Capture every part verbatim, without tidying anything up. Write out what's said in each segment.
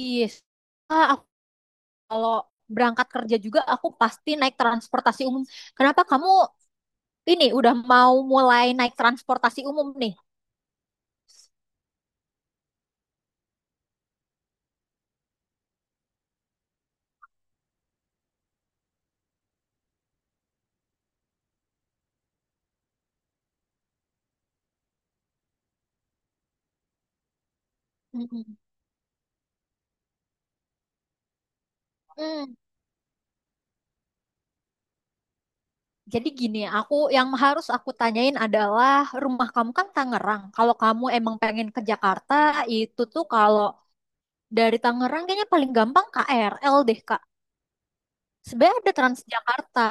Iya. Ah, aku kalau berangkat kerja juga aku pasti naik transportasi umum. Kenapa kamu ini udah mau mulai naik transportasi umum nih? Mm-mm. Hmm. Jadi gini, aku yang harus aku tanyain adalah rumah kamu kan Tangerang. Kalau kamu emang pengen ke Jakarta, itu tuh kalau dari Tangerang kayaknya paling gampang K R L deh, Kak. Sebenarnya ada Transjakarta,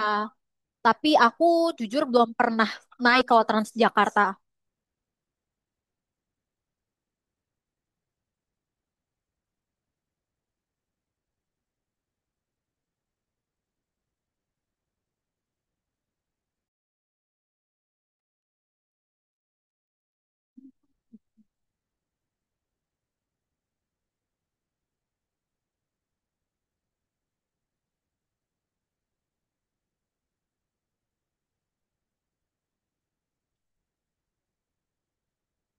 tapi aku jujur belum pernah naik kalau Transjakarta.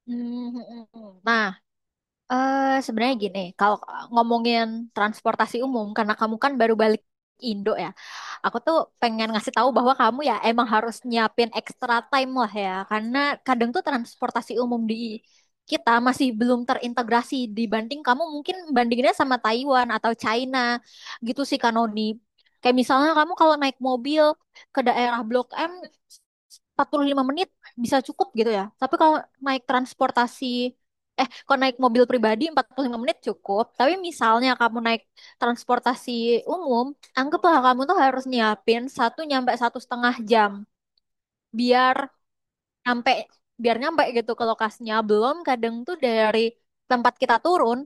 Hmm. Hmm, hmm. Nah, Eh, sebenarnya gini, kalau ngomongin transportasi umum, karena kamu kan baru balik Indo ya, aku tuh pengen ngasih tahu bahwa kamu ya emang harus nyiapin extra time lah ya, karena kadang tuh transportasi umum di kita masih belum terintegrasi dibanding kamu mungkin bandinginnya sama Taiwan atau China gitu sih Kanoni. Kayak misalnya kamu kalau naik mobil ke daerah Blok M empat puluh lima menit bisa cukup gitu ya. Tapi kalau naik transportasi Eh, kalau naik mobil pribadi empat puluh lima menit cukup. Tapi misalnya kamu naik transportasi umum, anggaplah kamu tuh harus nyiapin satu nyampe satu setengah jam. Biar nyampe biar nyampe gitu ke lokasinya. Belum kadang tuh dari tempat kita turun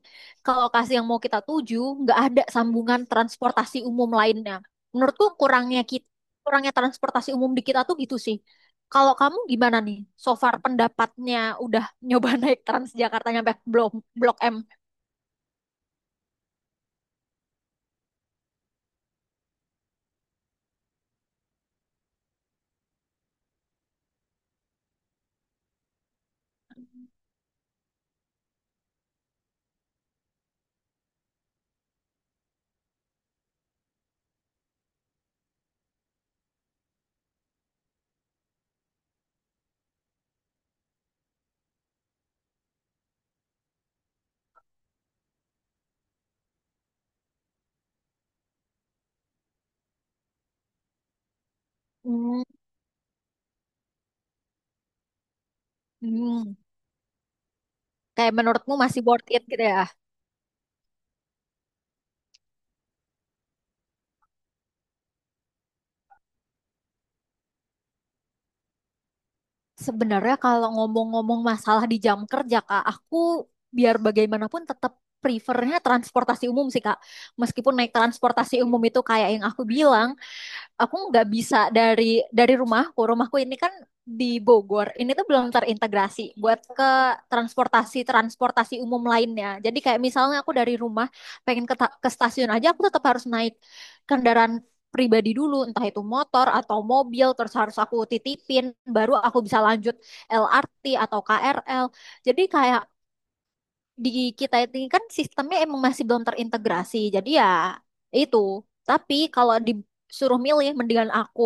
ke lokasi yang mau kita tuju nggak ada sambungan transportasi umum lainnya. Menurutku kurangnya kita kurangnya transportasi umum di kita tuh gitu sih. Kalau kamu gimana nih, so far pendapatnya? Udah nyoba naik Transjakarta nyampe Blok Blok M. Hmm, hmm. Kayak menurutmu masih worth it gitu ya? Sebenarnya kalau ngomong-ngomong masalah di jam kerja, Kak, aku biar bagaimanapun tetap prefernya transportasi umum sih, Kak. Meskipun naik transportasi umum itu kayak yang aku bilang, aku nggak bisa dari dari rumahku. Rumahku ini kan di Bogor. Ini tuh belum terintegrasi buat ke transportasi transportasi umum lainnya. Jadi kayak misalnya aku dari rumah pengen ke, ta- ke stasiun aja, aku tetap harus naik kendaraan pribadi dulu, entah itu motor atau mobil, terus harus aku titipin, baru aku bisa lanjut L R T atau K R L. Jadi kayak di kita ini kan sistemnya emang masih belum terintegrasi. Jadi ya itu. Tapi kalau disuruh milih, mendingan aku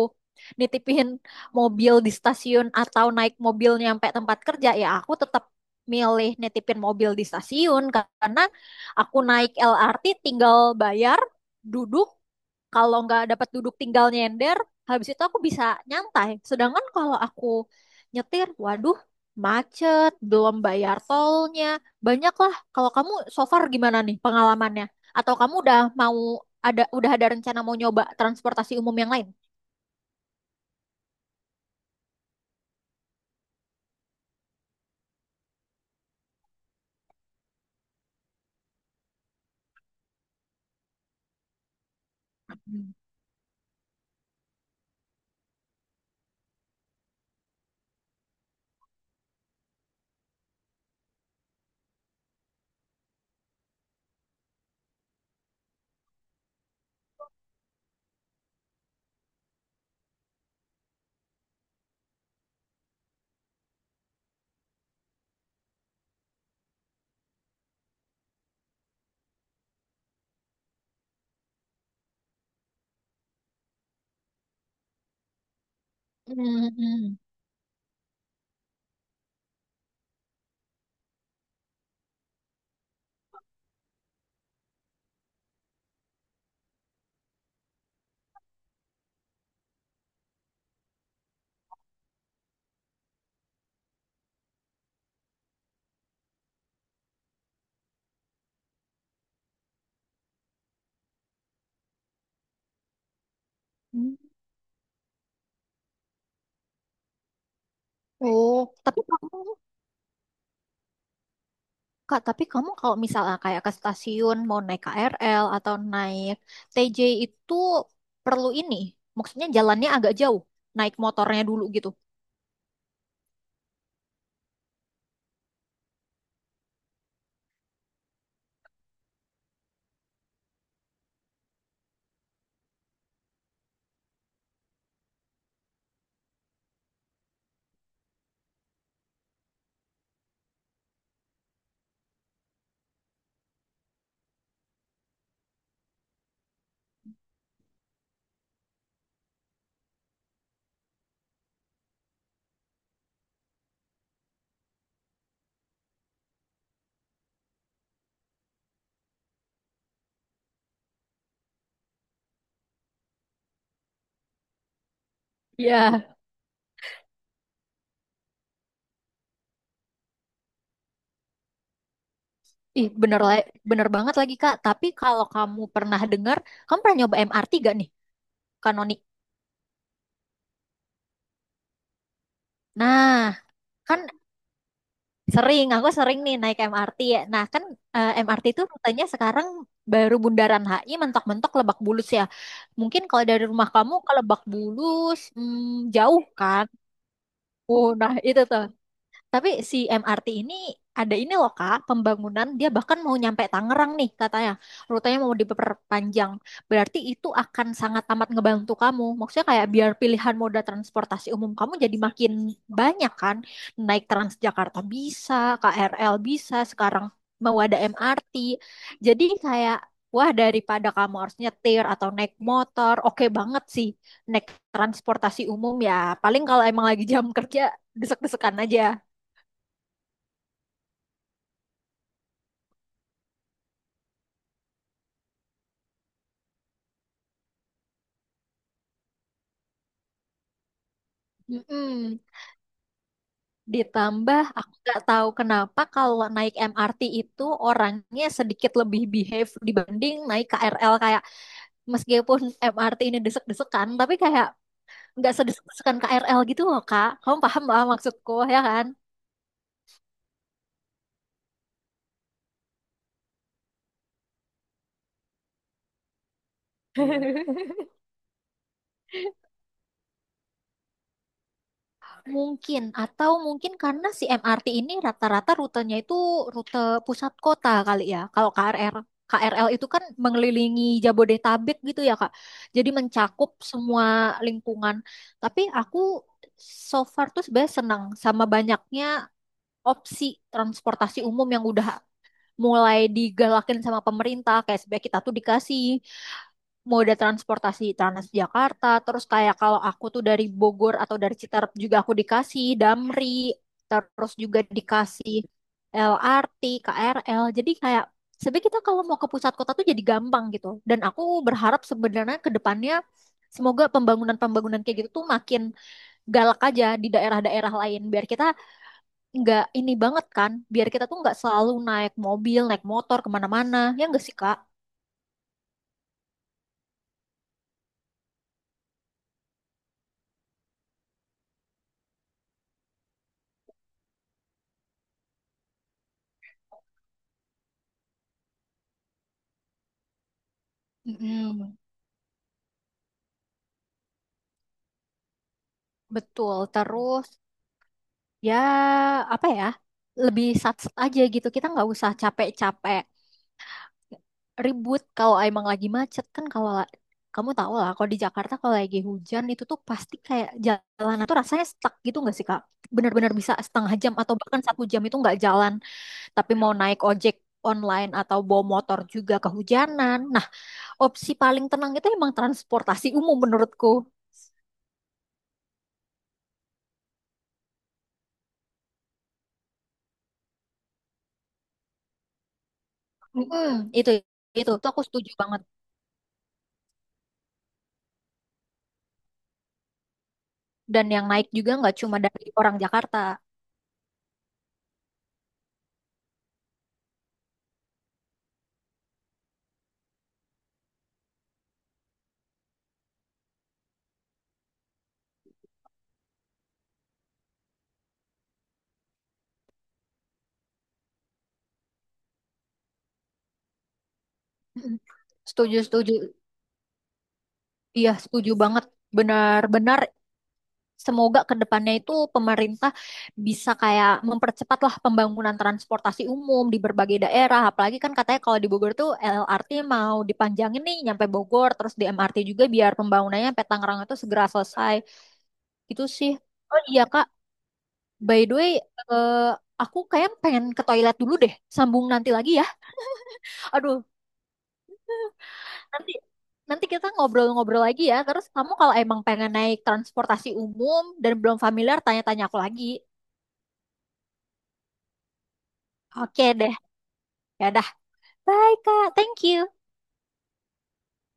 nitipin mobil di stasiun atau naik mobil nyampe tempat kerja, ya aku tetap milih nitipin mobil di stasiun karena aku naik L R T tinggal bayar, duduk, kalau nggak dapat duduk tinggal nyender, habis itu aku bisa nyantai. Sedangkan kalau aku nyetir, waduh, macet, belum bayar tolnya, banyak lah. Kalau kamu so far gimana nih pengalamannya, atau kamu udah mau ada udah ada rencana mau nyoba transportasi umum yang lain? Hmm. Hmm. Oh, Tapi kamu Kak, tapi kamu kalau misalnya kayak ke stasiun mau naik K R L atau naik T J itu perlu ini. Maksudnya jalannya agak jauh, naik motornya dulu gitu. Iya. Ih, bener, la- bener banget lagi Kak. Tapi kalau kamu pernah dengar, kamu pernah nyoba M R T gak nih? Kanonik. Nah, kan sering, aku sering nih naik M R T ya. Nah, kan eh, M R T itu rutenya sekarang baru Bundaran H I mentok-mentok Lebak Bulus ya. Mungkin kalau dari rumah kamu ke Lebak Bulus, hmm, jauh kan? Oh, nah itu tuh. Tapi si M R T ini ada ini loh Kak, pembangunan dia bahkan mau nyampe Tangerang nih katanya. Rutenya mau diperpanjang. Berarti itu akan sangat amat ngebantu kamu. Maksudnya kayak biar pilihan moda transportasi umum kamu jadi makin banyak kan. Naik Transjakarta bisa, K R L bisa, sekarang mau ada M R T. Jadi kayak, wah, daripada kamu harus nyetir atau naik motor, oke banget sih naik transportasi umum ya. Paling kalau emang lagi jam kerja, desek-desekan aja. Mm-mm. Ditambah aku nggak tahu kenapa kalau naik M R T itu orangnya sedikit lebih behave dibanding naik K R L, kayak meskipun M R T ini desek-desekan tapi kayak nggak sedesek-desekan K R L gitu loh Kak. Kamu paham lah maksudku ya kan? Mungkin, atau mungkin karena si M R T ini rata-rata rutenya itu rute pusat kota kali ya. Kalau K R L, K R L itu kan mengelilingi Jabodetabek gitu ya, Kak. Jadi mencakup semua lingkungan. Tapi aku so far tuh sebenarnya senang sama banyaknya opsi transportasi umum yang udah mulai digalakin sama pemerintah. Kayak sebenarnya kita tuh dikasih moda transportasi Transjakarta, terus kayak kalau aku tuh dari Bogor atau dari Citarap juga aku dikasih Damri, terus juga dikasih L R T, K R L. Jadi kayak sebenarnya kita kalau mau ke pusat kota tuh jadi gampang gitu, dan aku berharap sebenarnya ke depannya semoga pembangunan-pembangunan kayak gitu tuh makin galak aja di daerah-daerah lain, biar kita nggak ini banget kan, biar kita tuh nggak selalu naik mobil naik motor kemana-mana, ya nggak sih Kak? Mm-mm. Betul, terus ya apa ya, lebih sat aja gitu, kita nggak usah capek-capek ribut kalau emang lagi macet kan. Kalau la- kamu tahu lah, kalau di Jakarta kalau lagi hujan itu tuh pasti kayak jalanan tuh rasanya stuck gitu nggak sih Kak, benar-benar bisa setengah jam atau bahkan satu jam itu nggak jalan. Tapi mau naik ojek online atau bawa motor juga kehujanan. Nah, opsi paling tenang itu emang transportasi umum menurutku. Mm-mm, itu itu tuh aku setuju banget, dan yang naik juga nggak cuma dari orang Jakarta. Mm-mm. Setuju, setuju. Iya, setuju banget. Benar-benar semoga ke depannya itu pemerintah bisa kayak mempercepatlah pembangunan transportasi umum di berbagai daerah. Apalagi kan katanya kalau di Bogor tuh L R T mau dipanjangin nih nyampe Bogor, terus di M R T juga biar pembangunannya sampai Tangerang itu segera selesai. Itu sih. Oh iya Kak, by the way, eh, aku kayak pengen ke toilet dulu deh. Sambung nanti lagi ya. Aduh. Nanti nanti kita ngobrol-ngobrol lagi ya. Terus kamu kalau emang pengen naik transportasi umum dan belum familiar, tanya-tanya aku lagi. Oke deh. Ya dah. Bye, Kak. Thank you.